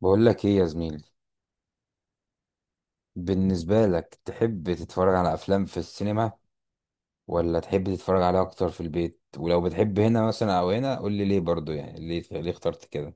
بقول لك ايه يا زميلي؟ بالنسبة لك، تحب تتفرج على افلام في السينما، ولا تحب تتفرج عليها اكتر في البيت؟ ولو بتحب هنا مثلا او هنا، قول لي ليه؟ برضو يعني ليه، اخترت كده؟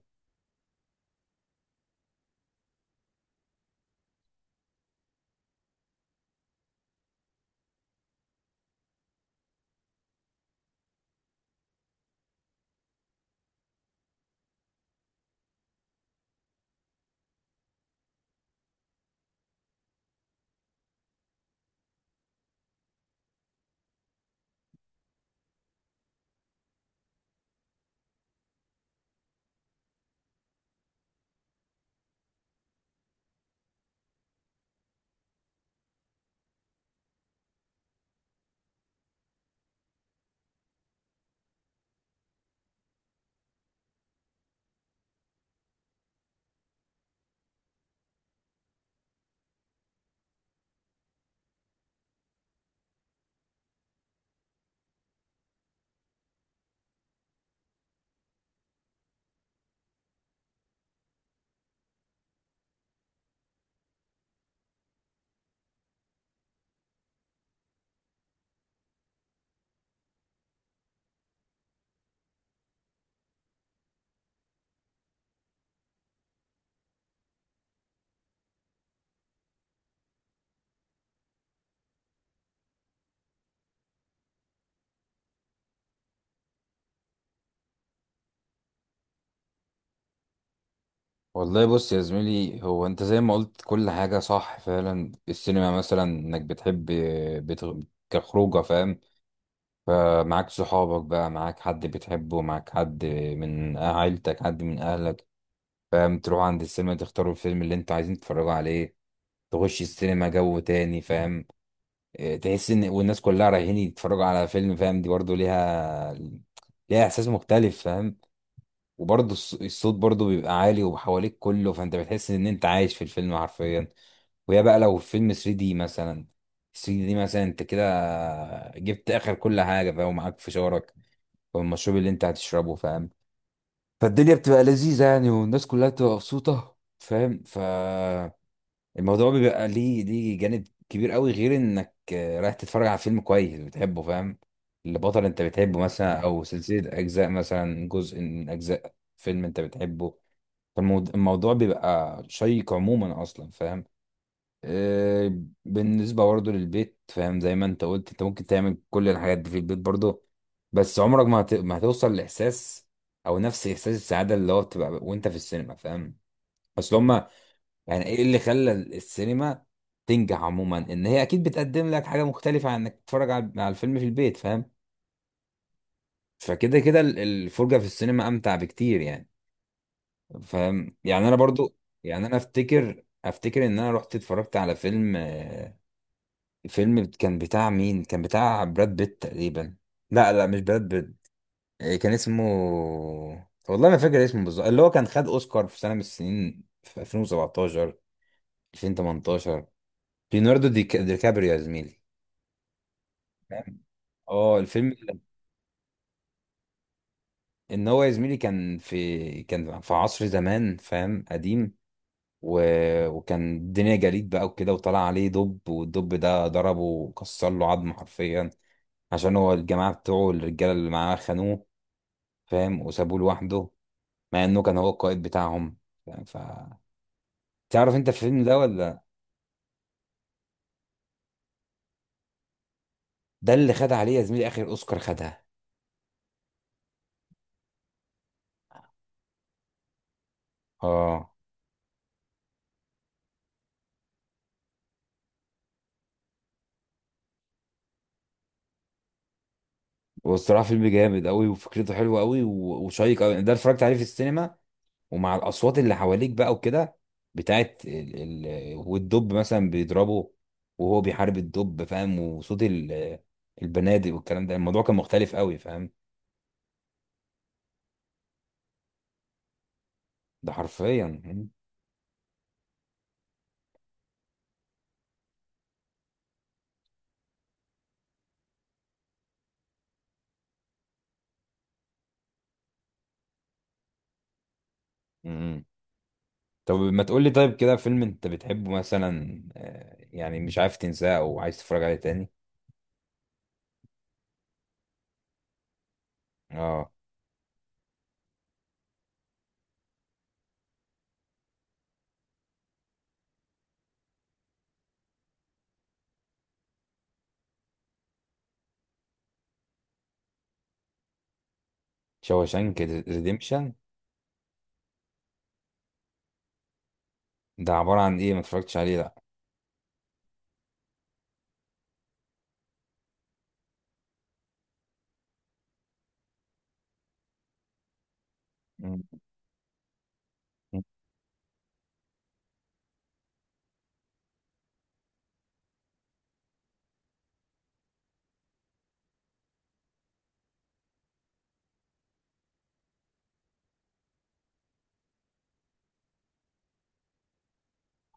والله بص يا زميلي، هو انت زي ما قلت كل حاجة صح فعلا، السينما مثلا انك بتحب بتغ... كخروجة، فاهم؟ فمعاك صحابك بقى، معاك حد بتحبه، معاك حد من عيلتك، حد من اهلك، فاهم؟ تروح عند السينما، تختاروا الفيلم اللي انتوا عايزين تتفرجوا عليه، تخش السينما، جو تاني، فاهم؟ إيه، تحس ان والناس كلها رايحين يتفرجوا على فيلم، فاهم؟ دي برضو ليها، احساس مختلف، فاهم؟ وبرضو الصوت برضو بيبقى عالي وحواليك كله، فانت بتحس ان انت عايش في الفيلم حرفيا. وهي بقى لو فيلم 3 دي مثلا، انت كده جبت اخر كل حاجه، فاهم؟ ومعاك فشارك والمشروب اللي انت هتشربه، فاهم؟ فالدنيا بتبقى لذيذه يعني، والناس كلها بتبقى مبسوطه، فاهم؟ الموضوع بيبقى ليه، جانب كبير قوي، غير انك رايح تتفرج على فيلم كويس بتحبه، فاهم؟ البطل انت بتحبه مثلا، او سلسلة اجزاء، مثلا جزء من اجزاء فيلم انت بتحبه. فالموضوع بيبقى شيق عموما اصلا، فاهم؟ آه، بالنسبة برضه للبيت، فاهم؟ زي ما انت قلت انت ممكن تعمل كل الحاجات دي في البيت برضه، بس عمرك ما هتوصل لاحساس، او نفس احساس السعادة اللي هو بتبقى وانت في السينما، فاهم؟ اصل هما، يعني ايه اللي خلى السينما تنجح عموما؟ ان هي اكيد بتقدم لك حاجه مختلفه عن انك تتفرج على الفيلم في البيت، فاهم؟ فكده كده الفرجه في السينما امتع بكتير يعني، فاهم؟ يعني انا برضو يعني انا افتكر ان انا رحت اتفرجت على فيلم، فيلم كان بتاع مين؟ كان بتاع براد بيت تقريبا. لا، لا، مش براد بيت. كان اسمه، والله ما فاكر اسمه بالظبط، اللي هو كان خد اوسكار في سنه من السنين، في 2017، 2018، ليوناردو دي كابريو يا زميلي، فاهم؟ اه، ان هو يا زميلي كان في عصر زمان، فاهم؟ قديم، و... وكان الدنيا جليد بقى وكده، وطلع عليه دب، والدب ده ضربه وكسر له عظم حرفيا، عشان هو الجماعه بتوعه الرجاله اللي معاه خانوه، فاهم؟ وسابوه لوحده مع انه كان هو القائد بتاعهم، فاهم؟ تعرف انت الفيلم ده ولا؟ ده اللي خد عليه يا زميلي اخر اوسكار، خدها. اه، والصراحه فيلم جامد قوي وفكرته حلوه قوي وشيق قوي، ده اتفرجت عليه في السينما، ومع الاصوات اللي حواليك بقى وكده، بتاعت والدب مثلا بيضربه وهو بيحارب الدب، فاهم؟ وصوت البنادق والكلام ده، الموضوع كان مختلف قوي، فاهم؟ ده حرفيا. امم. طب ما تقول لي طيب، كده فيلم انت بتحبه مثلا، يعني مش عارف تنساه او عايز تتفرج عليه تاني؟ اه. شاوشانك ريديمشن؟ ده عبارة عن ايه؟ ما اتفرجتش عليه ده. أمم.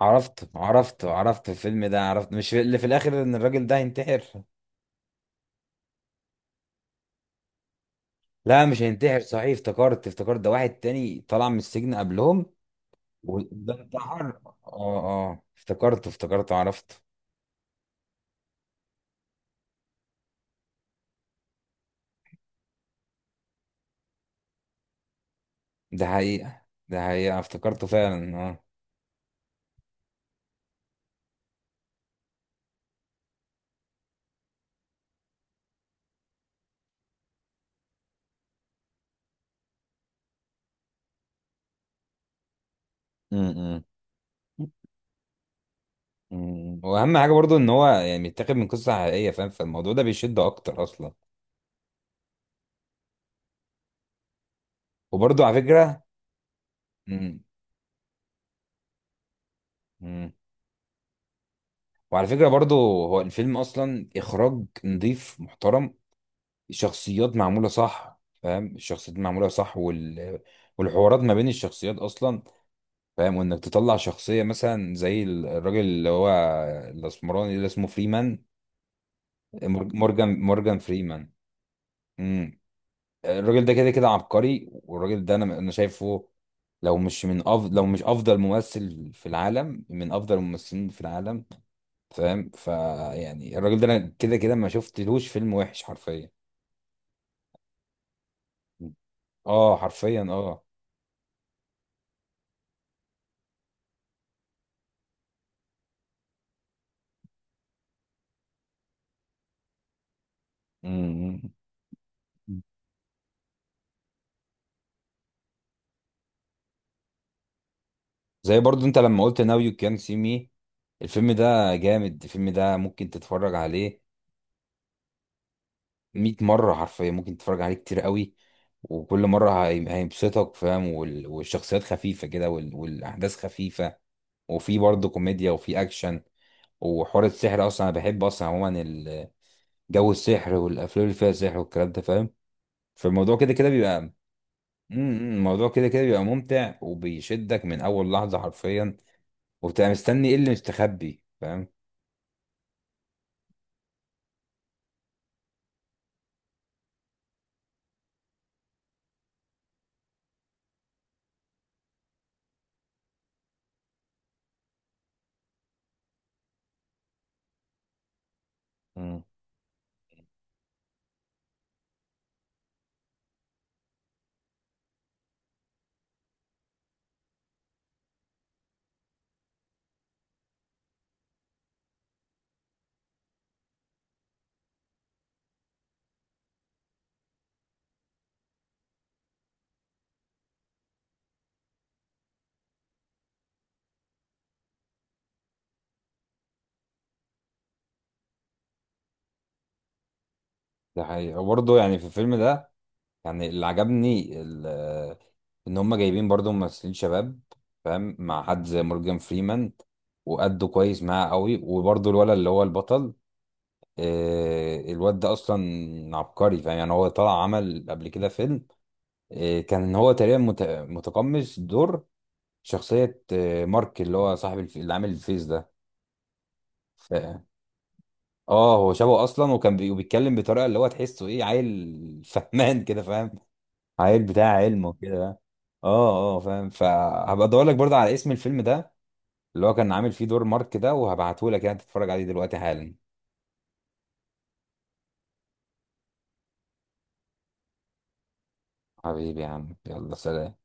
عرفت الفيلم ده، عرفت، مش اللي في الاخر ان الراجل ده هينتحر؟ لا، مش هينتحر، صحيح، افتكرت ده واحد تاني طلع من السجن قبلهم، وده انتحر، اه. اه، افتكرته، عرفته. ده حقيقة، ده حقيقة، افتكرته فعلا، اه. امم، امم. واهم حاجة برضو ان هو يعني متاخد من قصة حقيقية، فاهم؟ فالموضوع ده بيشد اكتر اصلا، وبرضو على فكرة. امم، امم. وعلى فكرة برضو، هو الفيلم اصلا اخراج نظيف محترم، الشخصيات معمولة صح، فاهم؟ الشخصيات معمولة صح والحوارات ما بين الشخصيات اصلا، فاهم؟ وانك تطلع شخصيه مثلا زي الراجل اللي هو الاسمراني، اللي اسمه فريمان، مورجان فريمان. امم. الراجل ده كده كده عبقري، والراجل ده انا شايفه، لو مش افضل ممثل في العالم، من افضل الممثلين في العالم، فاهم؟ فيعني الراجل ده انا كده كده ما شفتلوش فيلم وحش حرفيا. اه حرفيا، اه. امم. زي برضو انت لما قلت ناو يو كان سي مي، الفيلم ده جامد، الفيلم ده ممكن تتفرج عليه 100 مرة حرفيا، ممكن تتفرج عليه كتير قوي، وكل مرة هيبسطك، فاهم؟ والشخصيات خفيفة كده، والأحداث خفيفة، وفي برضه كوميديا وفي أكشن، وحوار السحر أصلا أنا بحب أصلا عموما جو السحر والأفلام اللي فيها سحر والكلام ده، فاهم؟ فالموضوع كده كده بيبقى الموضوع كده كده بيبقى ممتع، وبيشدك من أول لحظة حرفيا، وبتبقى مستني إيه اللي مستخبي، فاهم؟ مم. ده حقيقة. وبرضه يعني في الفيلم ده، يعني اللي عجبني ان هم جايبين برضو ممثلين شباب، فاهم؟ مع حد زي مورجان فريمان، وأدوا كويس معاه قوي، وبرضو الولد اللي هو البطل، الواد ده اصلا عبقري، فاهم؟ يعني هو طلع عمل قبل كده فيلم، كان هو تقريبا متقمص دور شخصية، مارك اللي هو صاحب اللي عامل الفيس ده. ف... اه، هو شبهه اصلا، وكان بيتكلم بطريقة اللي هو تحسه ايه، عيل فهمان كده، فاهم؟ عيل بتاع علم وكده. اه، اه، فاهم، فهبقى ادور لك برضه على اسم الفيلم ده، اللي هو كان عامل فيه دور مارك ده، وهبعته لك يعني تتفرج عليه دلوقتي حالا. حبيبي يا عم، يلا سلام.